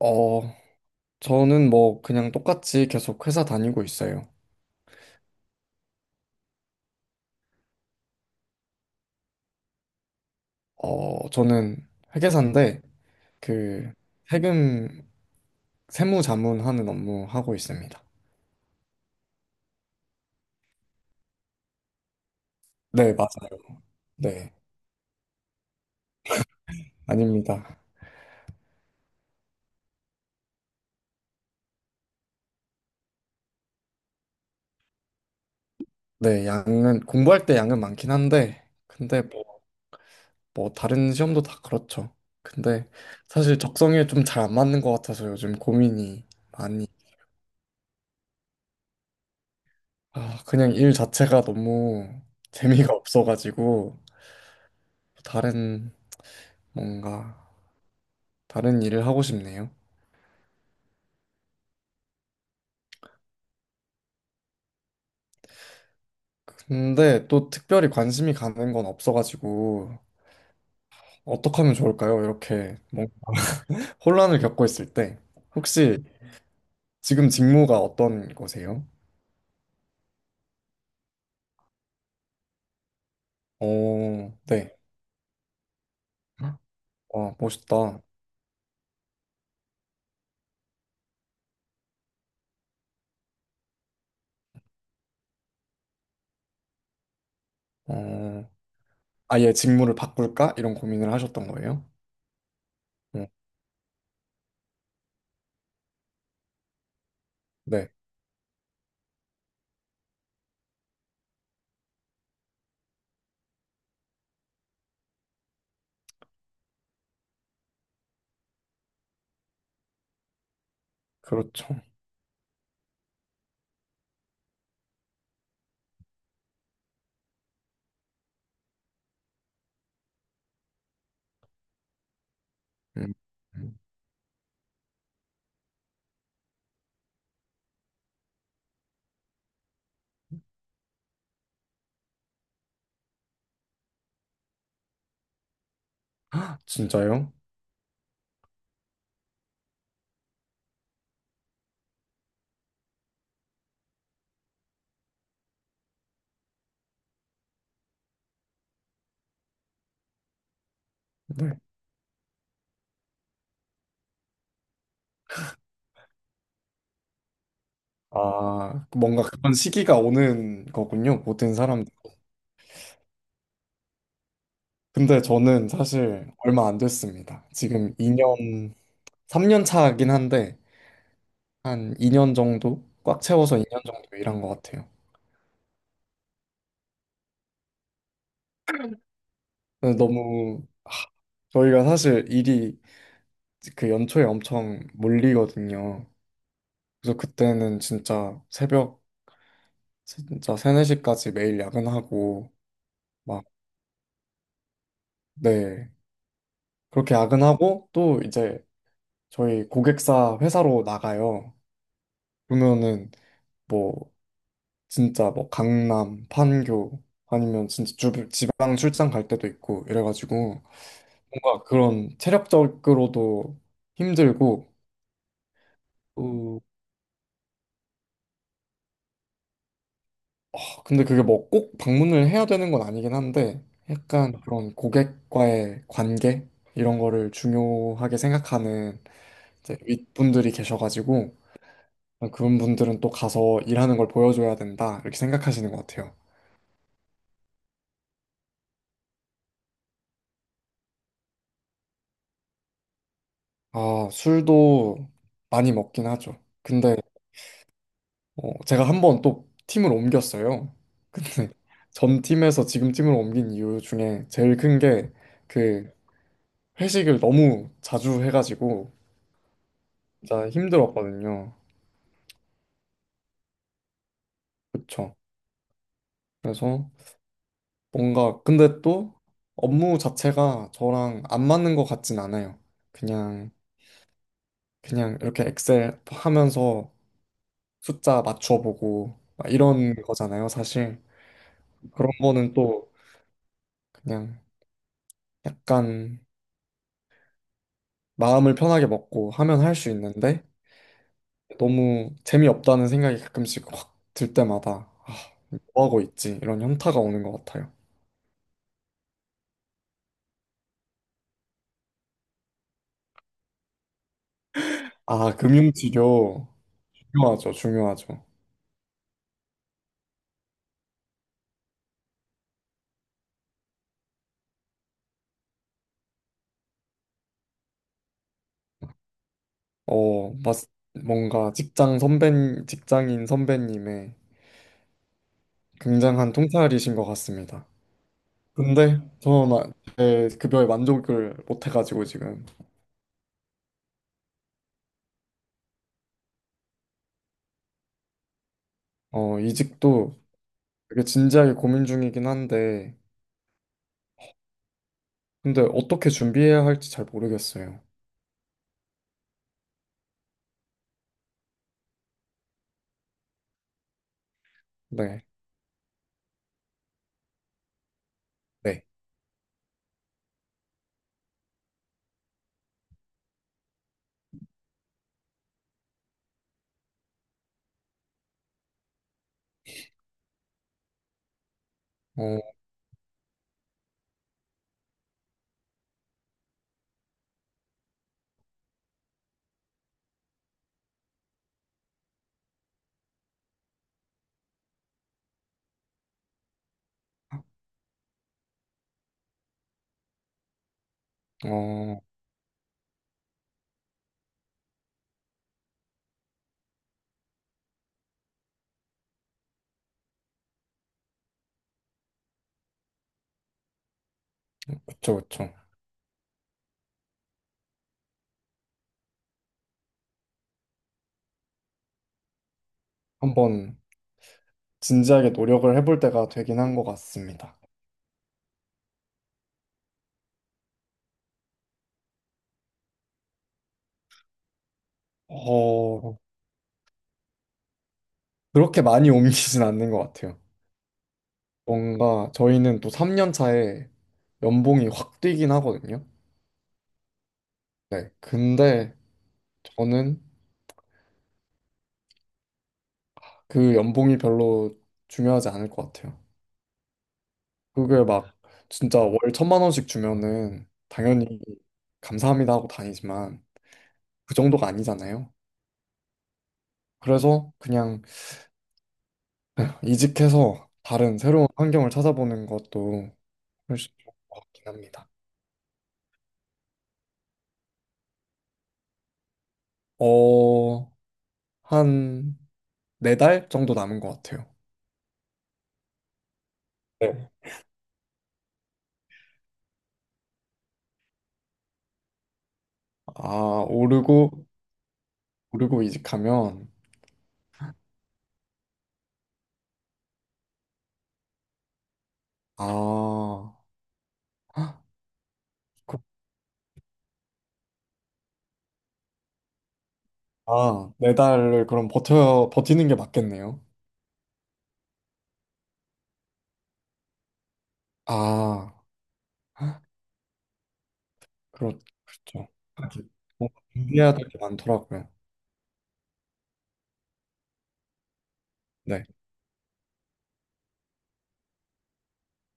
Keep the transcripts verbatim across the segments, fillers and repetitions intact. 어, 저는 뭐 그냥 똑같이 계속 회사 다니고 있어요. 어, 저는 회계사인데 그 세금 세무자문하는 업무 하고 있습니다. 네, 맞아요. 네, 아닙니다. 네, 양은 공부할 때 양은 많긴 한데 근데 뭐, 뭐 다른 시험도 다 그렇죠. 근데 사실 적성에 좀 잘 안 맞는 것 같아서 요즘 고민이 많이. 아, 그냥 일 자체가 너무 재미가 없어가지고 다른 뭔가 다른 일을 하고 싶네요. 근데 또 특별히 관심이 가는 건 없어가지고 어떻게 하면 좋을까요? 이렇게 뭐 혼란을 겪고 있을 때 혹시 지금 직무가 어떤 거세요? 어, 네. 와, 멋있다. 어, 아예 직무를 바꿀까? 이런 고민을 하셨던 거예요? 어, 네, 그렇죠. 음. 음. 헉, 진짜요? 네. 아, 뭔가 그런 시기가 오는 거군요. 모든 사람. 근데 저는 사실 얼마 안 됐습니다. 지금 이 년, 삼 년 차긴 한데, 한 이 년 정도? 꽉 채워서 이 년 정도 일한 것 같아요. 근데 너무, 아, 저희가 사실 일이 그 연초에 엄청 몰리거든요. 그래서 그때는 진짜 새벽, 진짜 세, 네 시까지 매일 야근하고, 막, 네. 그렇게 야근하고, 또 이제 저희 고객사 회사로 나가요. 그러면은, 뭐 진짜 뭐 강남, 판교 아니면 진짜 주, 지방 출장 갈 때도 있고 이래가지고 뭔가 그런 체력적으로도 힘들고 또 어, 근데 그게 뭐 꼭 방문을 해야 되는 건 아니긴 한데 약간 그런 고객과의 관계 이런 거를 중요하게 생각하는 이제 윗분들이 계셔가지고 아, 그런 분들은 또 가서 일하는 걸 보여줘야 된다 이렇게 생각하시는 것 같아요. 아 술도 많이 먹긴 하죠. 근데 어, 제가 한 번 또 팀을 옮겼어요. 근데 전 팀에서 지금 팀으로 옮긴 이유 중에 제일 큰 게 그 회식을 너무 자주 해가지고 진짜 힘들었거든요. 그쵸. 그래서 뭔가 근데 또 업무 자체가 저랑 안 맞는 것 같진 않아요. 그냥 그냥 이렇게 엑셀 하면서 숫자 맞춰보고 막 이런 거잖아요, 사실. 그런 거는 또 그냥 약간 마음을 편하게 먹고 하면 할 수 있는데 너무 재미없다는 생각이 가끔씩 확 들 때마다 아, 뭐 하고 있지? 이런 현타가 오는 것 같아요. 아, 금융치료 중요하죠, 중요하죠. 어, 맞, 뭔가 직장 선배, 직장인 선배님의 굉장한 통찰이신 것 같습니다. 근데 저는 제 급여에 만족을 못 해가지고 지금. 어, 이직도 되게 진지하게 고민 중이긴 한데 근데 어떻게 준비해야 할지 잘 모르겠어요. 네, 네. 어, 어, 그쵸, 그쵸. 한번 진지하게 노력을 해볼 때가 되긴 한 것 같습니다. 어, 그렇게 많이 옮기진 않는 것 같아요. 뭔가 저희는 또 삼 년 차에 연봉이 확 뛰긴 하거든요. 네. 근데 저는 그 연봉이 별로 중요하지 않을 것 같아요. 그게 막 진짜 월 천만 원씩 주면은 당연히 감사합니다 하고 다니지만 그 정도가 아니잖아요. 그래서 그냥 이직해서 다른 새로운 환경을 찾아보는 것도 훨씬 좋을 것 같긴 합니다. 어, 한 네 달 정도 남은 것 같아요. 네. 아, 오르고, 오르고 이직하면, 아, 헉, 그- 아, 네 달을 그럼 버텨, 버티는 게 맞겠네요. 아, 헉, 그렇, 그렇죠. 하긴 뭔가 준비해야 될 게 많더라고요. 네,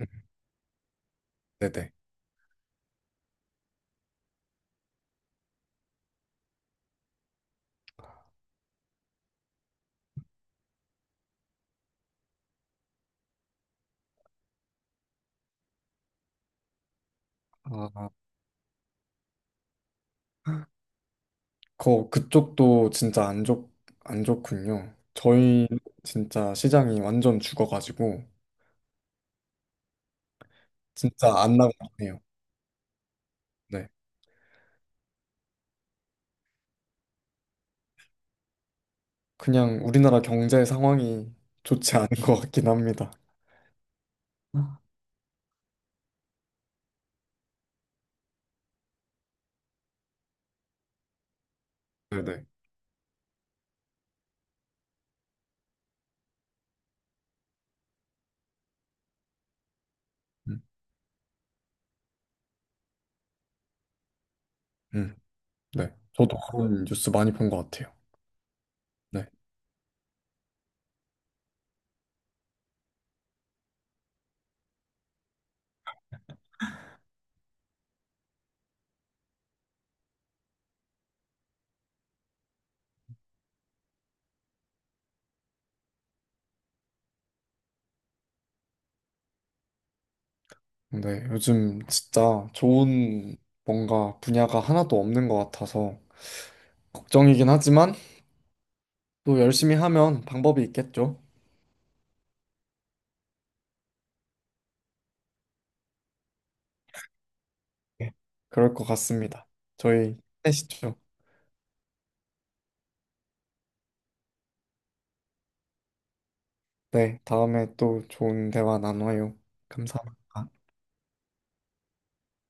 음, 네네. 아, 거, 그쪽도 진짜 안 좋, 안 좋군요. 저희 진짜 시장이 완전 죽어가지고, 진짜 안 나가네요. 네. 그냥 우리나라 경제 상황이 좋지 않은 것 같긴 합니다. 아. 네네. 음, 음, 네. 저도 그런 뉴스 많이 본 것 같아요. 네. 근데 요즘 진짜 좋은 뭔가 분야가 하나도 없는 것 같아서 걱정이긴 하지만 또 열심히 하면 방법이 있겠죠. 네. 그럴 것 같습니다. 저희 힘내시죠. 네. 다음에 또 좋은 대화 나눠요. 감사합니다.